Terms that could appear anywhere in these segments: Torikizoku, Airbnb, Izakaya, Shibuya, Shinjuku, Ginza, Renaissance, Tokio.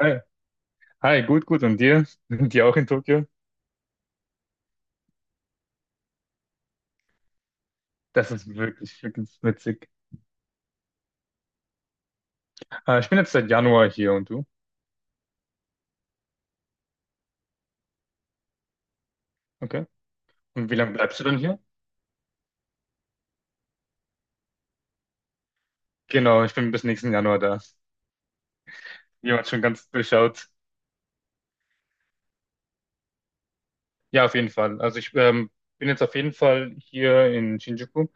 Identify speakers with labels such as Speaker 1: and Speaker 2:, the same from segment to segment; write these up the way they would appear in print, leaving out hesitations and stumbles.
Speaker 1: Hi, hi, gut, gut. Und dir? Dir auch in Tokio? Das ist wirklich, wirklich witzig. Ich bin jetzt seit Januar hier und du? Okay. Und wie lange bleibst du denn hier? Genau, ich bin bis nächsten Januar da. Jemand schon ganz durchschaut. Ja, auf jeden Fall. Also ich bin jetzt auf jeden Fall hier in Shinjuku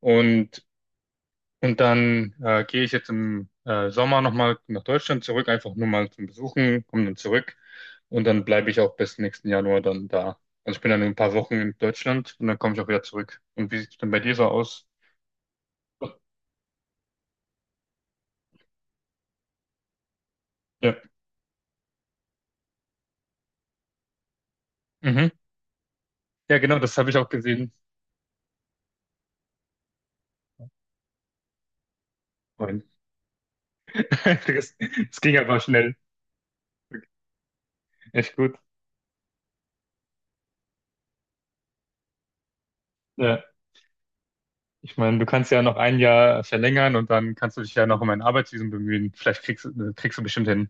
Speaker 1: und. Und dann gehe ich jetzt im Sommer nochmal nach Deutschland zurück, einfach nur mal zum Besuchen, komme dann zurück und dann bleibe ich auch bis nächsten Januar dann da. Also ich bin dann in ein paar Wochen in Deutschland und dann komme ich auch wieder zurück. Und wie sieht es denn bei dir so aus? Ja, mhm. Ja, genau, das habe ich auch gesehen. Moin. Das ging aber schnell. Echt gut. Ja. Ich meine, du kannst ja noch ein Jahr verlängern und dann kannst du dich ja noch um ein Arbeitsvisum bemühen. Kriegst du bestimmt hin.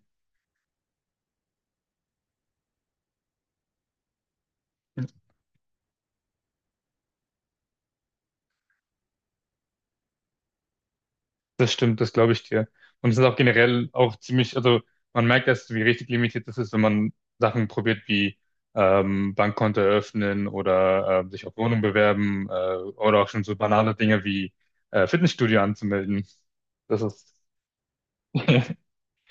Speaker 1: Das stimmt, das glaube ich dir. Und es ist auch generell auch ziemlich, also man merkt erst, wie richtig limitiert das ist, wenn man Sachen probiert wie Bankkonto eröffnen oder sich auf Wohnung bewerben oder auch schon so banale Dinge wie Fitnessstudio anzumelden. Das ist,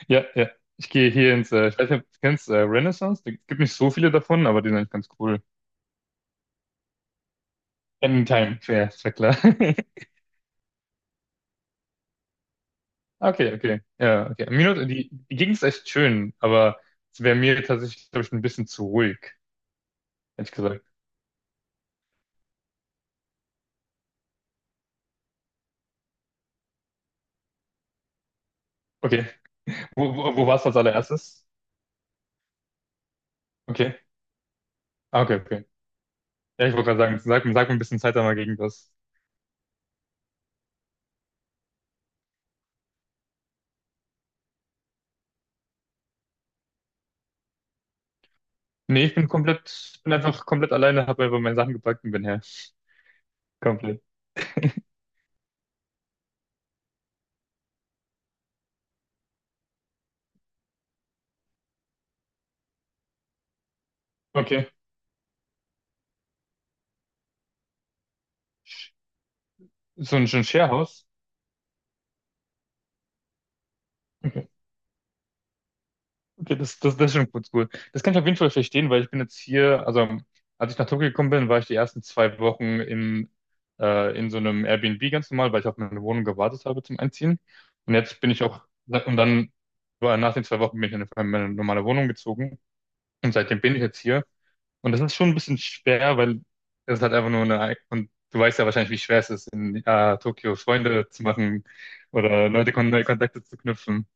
Speaker 1: ja, ja. Ich gehe hier ins, ich weiß nicht, ob du kennst, Renaissance. Es gibt nicht so viele davon, aber die sind eigentlich ganz cool. Anytime, fair, ist ja klar. Okay, okay. Ja, okay. Minot, die, die Gegend ist echt schön, aber es wäre mir tatsächlich, glaube ich, ein bisschen zu ruhig, hätte ich gesagt. Okay. Wo warst du als allererstes? Okay. Ah, okay, okay. Ja, ich wollte gerade sagen, sag mir ein bisschen Zeit einmal gegen das. Nee, bin einfach komplett alleine, habe einfach meine Sachen gepackt und bin her. Komplett. Okay. So ein Sharehouse? Okay, das ist schon kurz gut. Das kann ich auf jeden Fall verstehen, weil ich bin jetzt hier, also als ich nach Tokio gekommen bin, war ich die ersten zwei Wochen in so einem Airbnb ganz normal, weil ich auf meine Wohnung gewartet habe zum Einziehen. Und jetzt bin ich auch, und dann war nach den zwei Wochen bin ich in meine normale Wohnung gezogen. Und seitdem bin ich jetzt hier. Und das ist schon ein bisschen schwer, weil es halt einfach nur eine, und du weißt ja wahrscheinlich, wie schwer es ist, in Tokio Freunde zu machen oder Leute, Kon neue Kontakte zu knüpfen.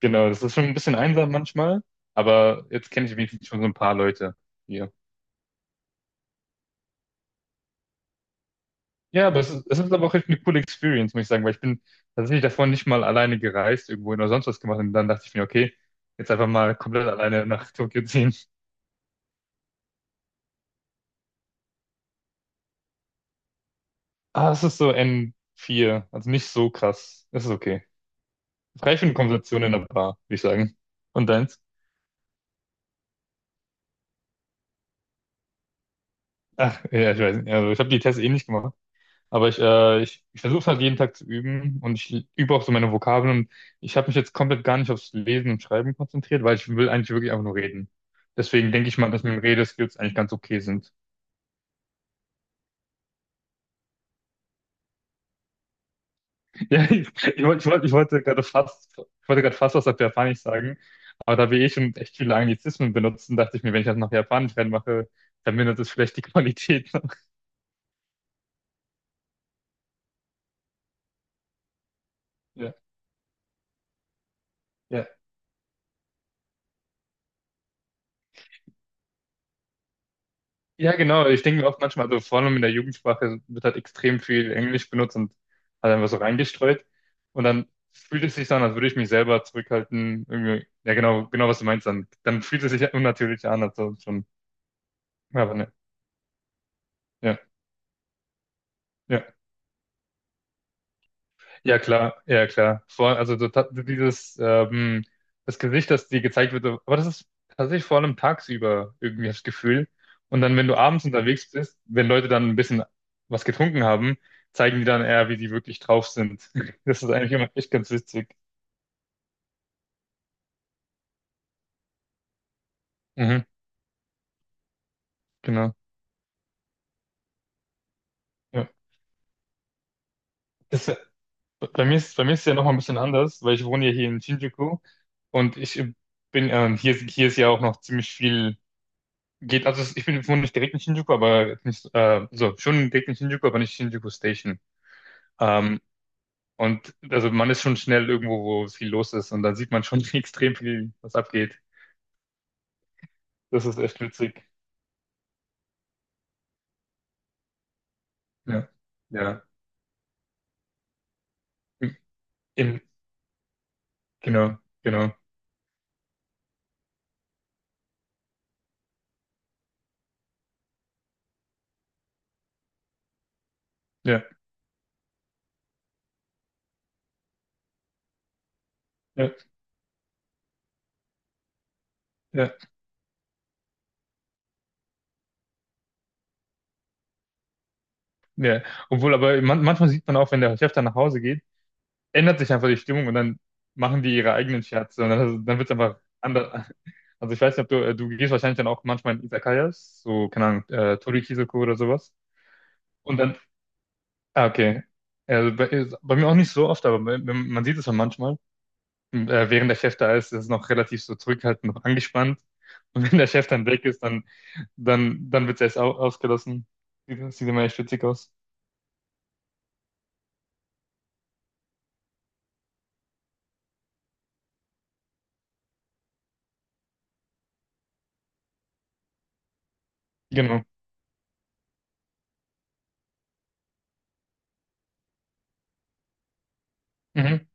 Speaker 1: Genau, das ist schon ein bisschen einsam manchmal, aber jetzt kenne ich wenigstens schon so ein paar Leute hier. Ja, aber es ist aber auch echt eine coole Experience, muss ich sagen, weil ich bin tatsächlich davor nicht mal alleine gereist, irgendwohin oder sonst was gemacht und dann dachte ich mir, okay, jetzt einfach mal komplett alleine nach Tokio ziehen. Ah, es ist so n vier, also nicht so krass. Das ist okay. Frei für eine Konversation in der Bar, würde ich sagen. Und deins? Ach, ja, ich weiß nicht. Also ich habe die Tests eh nicht gemacht. Aber ich versuche es halt jeden Tag zu üben und ich übe auch so meine Vokabeln und ich habe mich jetzt komplett gar nicht aufs Lesen und Schreiben konzentriert, weil ich will eigentlich wirklich einfach nur reden. Deswegen denke ich mal, dass meine Redeskills eigentlich ganz okay sind. Ja, ich, wollte- ich, wollte- ich wollte gerade fast, ich wollte gerade fast was auf Japanisch sagen, aber da wir eh schon echt viele Anglizismen benutzen, dachte ich mir, wenn ich das nach Japanisch reinmache, dann mindert es vielleicht die Qualität. Ja. Ja, genau. Ich denke mir oft manchmal, also vor allem in der Jugendsprache wird halt extrem viel Englisch benutzt und halt einfach so reingestreut. Und dann fühlt es sich so an, als würde ich mich selber zurückhalten. Irgendwie, ja, genau, was du meinst. Dann fühlt es sich unnatürlich an, also schon, aber ne, ja, ja. Ja, klar, ja, klar. Vor, dieses, das Gesicht, das dir gezeigt wird, so, aber das ist tatsächlich vor allem tagsüber irgendwie das Gefühl. Und dann, wenn du abends unterwegs bist, wenn Leute dann ein bisschen was getrunken haben, zeigen die dann eher, wie die wirklich drauf sind. Das ist eigentlich immer echt ganz witzig. Mhm, genau. Ja. Das, ist- bei mir ist es ja noch mal ein bisschen anders, weil ich wohne ja hier in Shinjuku und ich bin, hier ist ja auch noch ziemlich viel. Geht, ich bin wohne nicht direkt in Shinjuku, aber jetzt nicht, so, schon direkt in Shinjuku, aber nicht Shinjuku Station. Ähm, und also man ist schon schnell irgendwo, wo viel los ist und dann sieht man schon extrem viel, was abgeht. Das ist echt witzig. Ja. Ja. Im, im- genau, genau. Ja, ja, ja, ja. Obwohl, aber man, manchmal sieht man auch, wenn der Chef dann nach Hause geht, ändert sich einfach die Stimmung und dann machen die ihre eigenen Scherze und dann wird es einfach anders. Also ich weiß nicht, ob du gehst wahrscheinlich dann auch manchmal in Izakayas, so, keine Ahnung, Torikizoku oder sowas. Und dann, ah, okay. Also bei mir auch nicht so oft, aber man sieht es ja manchmal. Während der Chef da ist, ist es noch relativ so zurückhaltend, noch angespannt. Und wenn der Chef dann weg ist, dann wird es erst au ausgelassen. Sieht immer echt witzig aus. Genau. Mhm.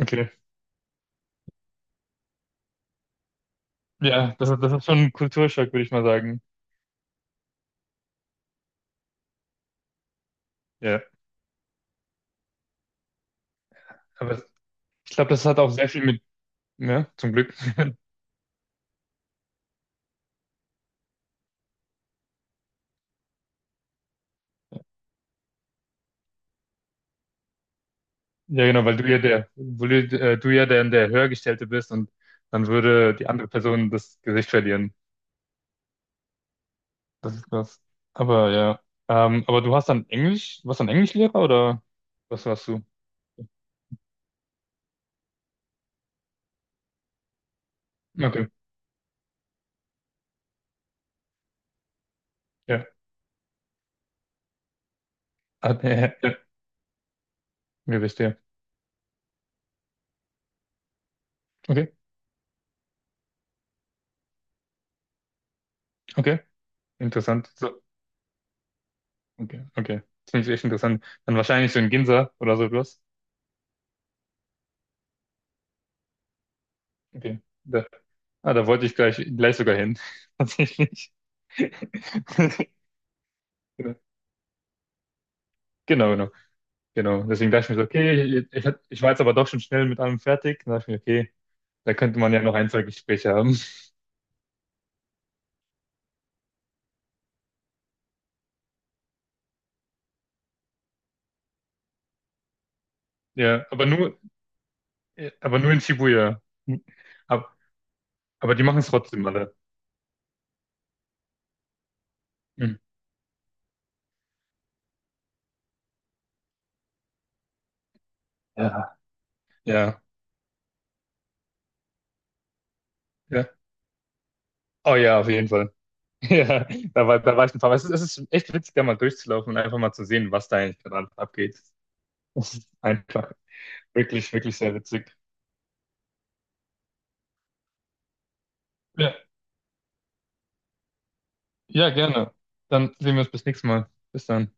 Speaker 1: Okay. Ja, das ist schon ein Kulturschock, würde ich mal sagen. Ja. Aber ich glaube, das hat auch sehr viel mit, ja, zum Glück. Ja, genau, du ja der Höhergestellte bist und dann würde die andere Person das Gesicht verlieren. Das ist krass. Aber ja. Aber du hast dann Englisch, warst dann Englischlehrer oder was warst du? Okay, ja. Ah, ja, ja, ja, verstehe. Okay, okay, interessant. So, okay, okay. Das finde ich echt interessant. Dann wahrscheinlich so in Ginza oder so etwas. Okay. Da, ah, da wollte ich gleich sogar hin. Tatsächlich. Genau, genau, genau. Deswegen dachte ich mir so, okay, ich war jetzt aber doch schon schnell mit allem fertig. Dann dachte ich mir, okay, da könnte man ja noch ein, zwei Gespräche haben. Ja, aber nur in Shibuya. Hm. Aber, aber die machen es trotzdem alle. Hm. Ja. Ja, ja. Oh ja, auf jeden Fall. Ja, da war ich ein paar Mal. Es ist echt witzig, da mal durchzulaufen und einfach mal zu sehen, was da eigentlich gerade abgeht. Das ist einfach wirklich, wirklich sehr witzig. Ja, ja, gerne. Dann sehen wir uns bis nächstes Mal. Bis dann.